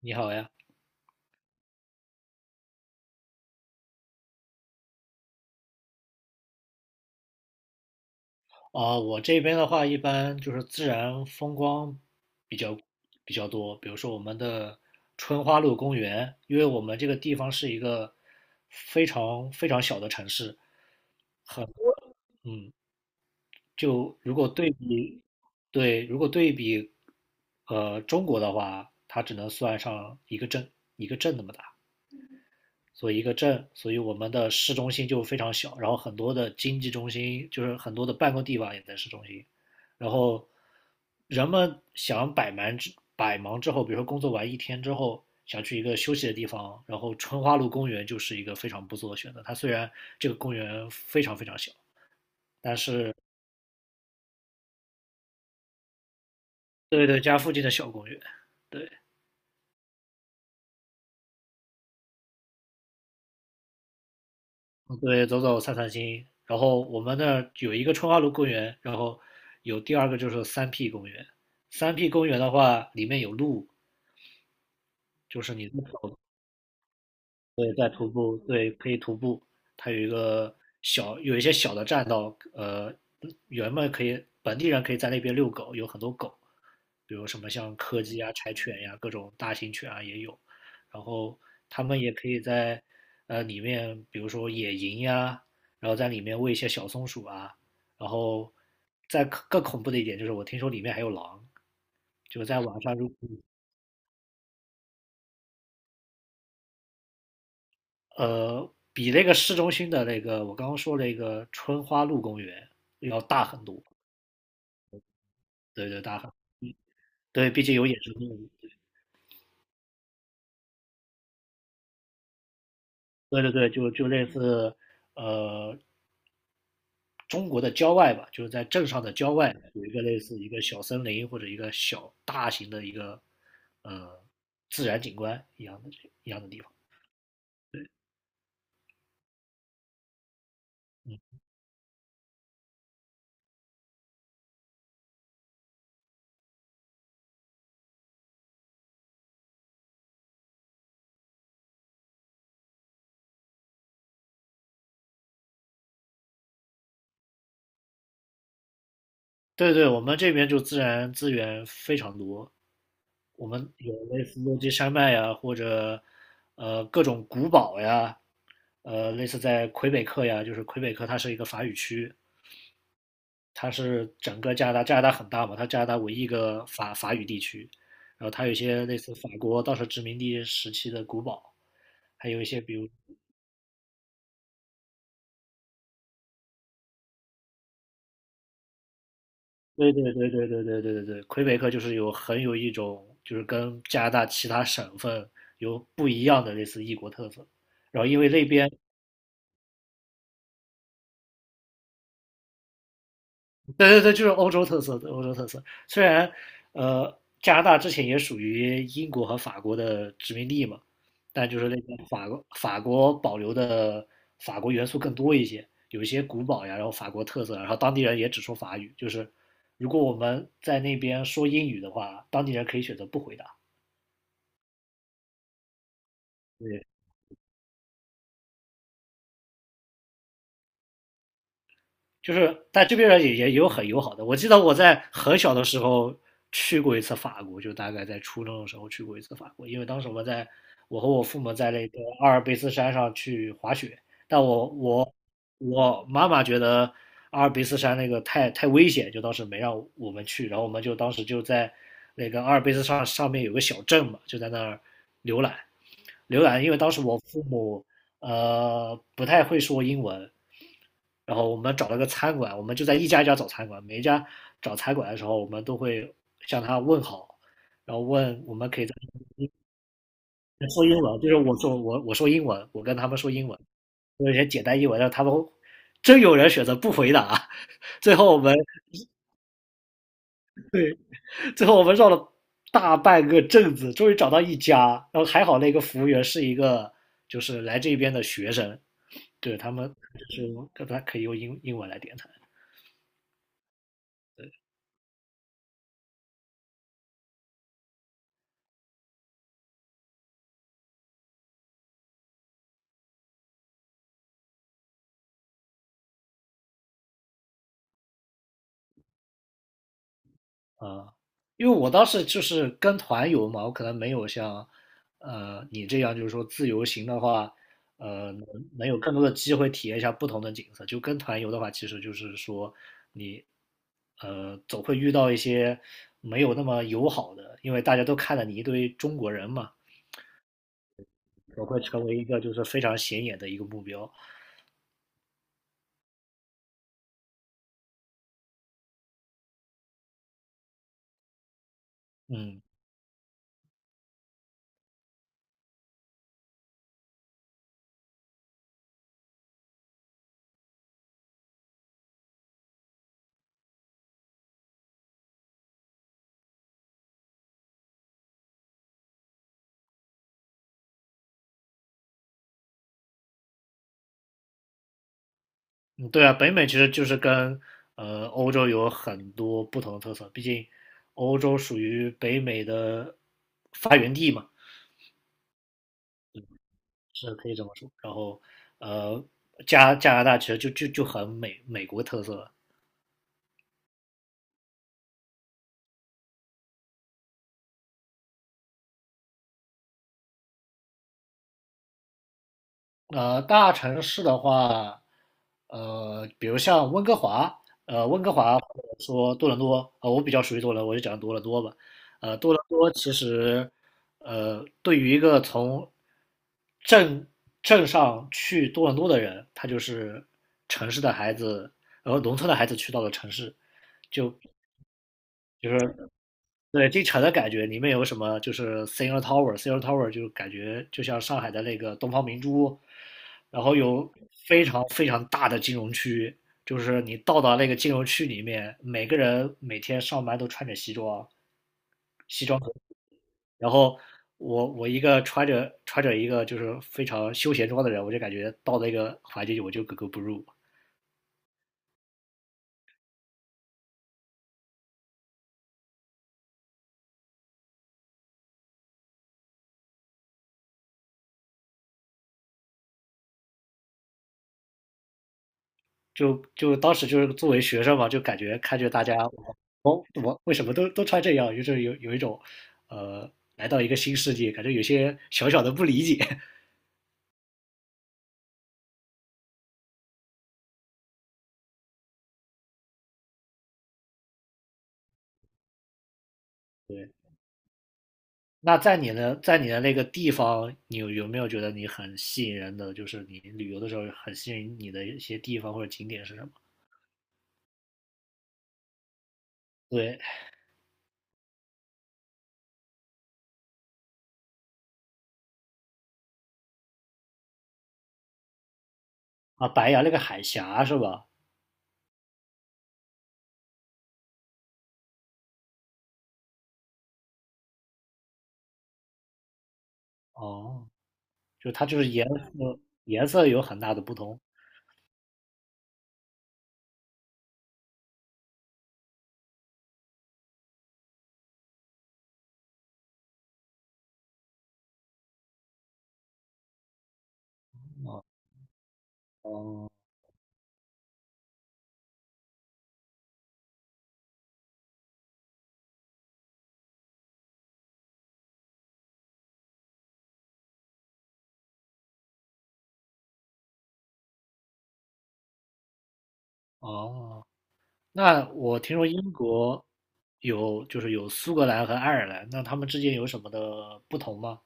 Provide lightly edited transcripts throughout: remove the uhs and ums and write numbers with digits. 你好呀。我这边的话一般就是自然风光比较比较多，比如说我们的春花路公园。因为我们这个地方是一个非常非常小的城市，很多嗯，就如果对比对如果对比中国的话，它只能算上一个镇，那么大。所以一个镇，所以我们的市中心就非常小，然后很多的经济中心，就是很多的办公地方也在市中心，然后人们想百忙之后，比如说工作完一天之后，想去一个休息的地方，然后春花路公园就是一个非常不错的选择。它虽然这个公园非常非常小，但是对对，家附近的小公园，对，对，走走散散心。然后我们那儿有一个春花路公园，然后有第二个就是三 P 公园。三 P 公园的话，里面有路，就是你走对，在徒步，对，可以徒步。它有一个小，有一些小的栈道，人们可以，本地人可以在那边遛狗，有很多狗，比如什么像柯基啊、柴犬呀、各种大型犬啊也有。然后他们也可以在里面，比如说野营呀，然后在里面喂一些小松鼠啊。然后再更恐怖的一点就是，我听说里面还有狼，就是在晚上如比那个市中心的那个我刚刚说那个春花路公园要大很多。对对对，毕竟有野生动物。对对对，就类似呃中国的郊外吧，就是在镇上的郊外有一个类似一个小森林，或者一个小大型的一个自然景观一样的地方。对对，我们这边就自然资源非常多，我们有类似落基山脉呀，或者各种古堡呀。类似在魁北克呀，就是魁北克它是一个法语区，它是整个加拿大，加拿大很大嘛，它加拿大唯一一个法语地区，然后它有一些类似法国当时殖民地时期的古堡，还有一些比如，对对对对对对对对对，魁北克就是有很有一种就是跟加拿大其他省份有不一样的类似异国特色，然后因为那边对对对，就是欧洲特色的欧洲特色。虽然加拿大之前也属于英国和法国的殖民地嘛，但就是那个法国保留的法国元素更多一些，有一些古堡呀，然后法国特色啊，然后当地人也只说法语。就是如果我们在那边说英语的话，当地人可以选择不回答。对，就是但这边人也有很友好的。我记得我在很小的时候去过一次法国，就大概在初中的时候去过一次法国，因为当时我们在，我和我父母在那个阿尔卑斯山上去滑雪，但我妈妈觉得阿尔卑斯山那个太危险，就当时没让我们去，然后我们就当时就在那个阿尔卑斯山上面有个小镇嘛，就在那儿浏览。浏览，因为当时我父母不太会说英文，然后我们找了个餐馆，我们就在一家一家找餐馆，每一家找餐馆的时候，我们都会向他问好，然后问我们可以在说英文。就是我说英文，我跟他们说英文，有些简单英文，让他们真有人选择不回答。最后我们最后我们绕了大半个镇子，终于找到一家，然后还好那个服务员是一个就是来这边的学生。对，他们就是他可以用英文来点餐啊，因为我当时就是跟团游嘛，我可能没有像你这样，就是说自由行的话，呃能能有更多的机会体验一下不同的景色。就跟团游的话，其实就是说你总会遇到一些没有那么友好的，因为大家都看了你一堆中国人嘛，总会成为一个就是非常显眼的一个目标。嗯。嗯，对啊，北美其实就是跟欧洲有很多不同的特色，毕竟欧洲属于北美的发源地嘛，是可以这么说。然后呃，加拿大其实就很美国特色了。大城市的话，比如像温哥华，温哥华或者说多伦多。我比较熟悉多伦多，我就讲多伦多吧。多伦多其实，对于一个从镇镇上去多伦多的人，他就是城市的孩子，然后农村的孩子去到了城市，就就是对进城的感觉。里面有什么就是 Singer Tower，Singer Tower 就感觉就像上海的那个东方明珠，然后有非常非常大的金融区，就是你到达那个金融区里面，每个人每天上班都穿着西装，然后我一个穿着一个就是非常休闲装的人，我就感觉到那个环境里我就格格不入。就当时就是作为学生嘛，就感觉看着大家，我我为什么都穿这样，就是有一种呃来到一个新世界，感觉有些小小的不理解。对，那在你的那个地方，你有没有觉得你很吸引人的，就是你旅游的时候很吸引你的一些地方或者景点是什么？对啊，白崖那个海峡是吧？哦，就它就是颜色有很大的不同。哦哦。那我听说英国就是有苏格兰和爱尔兰，那他们之间有什么的不同吗？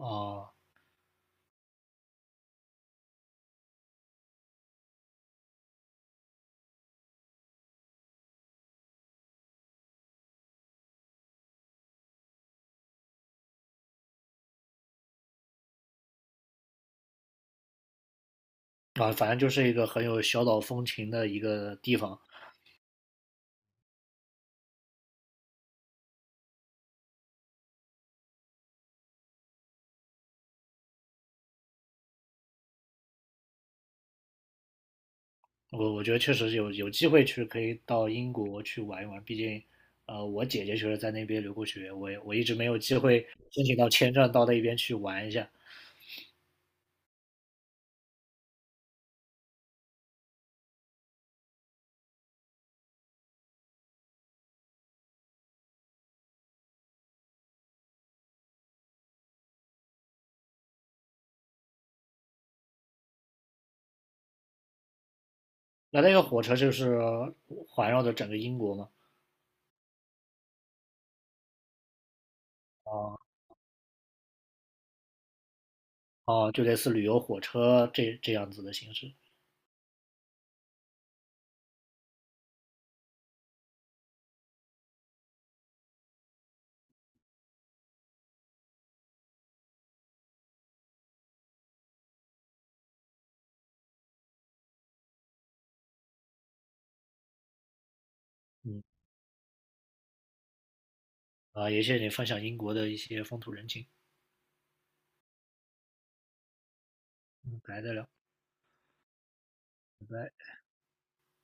啊、啊，反正就是一个很有小岛风情的一个地方。我我觉得确实有机会去可以到英国去玩一玩。毕竟，我姐姐确实在那边留过学，我也我一直没有机会申请到签证到那边去玩一下。那个火车就是环绕着整个英国嘛，啊、啊，就类似旅游火车这这样子的形式，嗯。啊，也谢谢你分享英国的一些风土人情，嗯，改得了。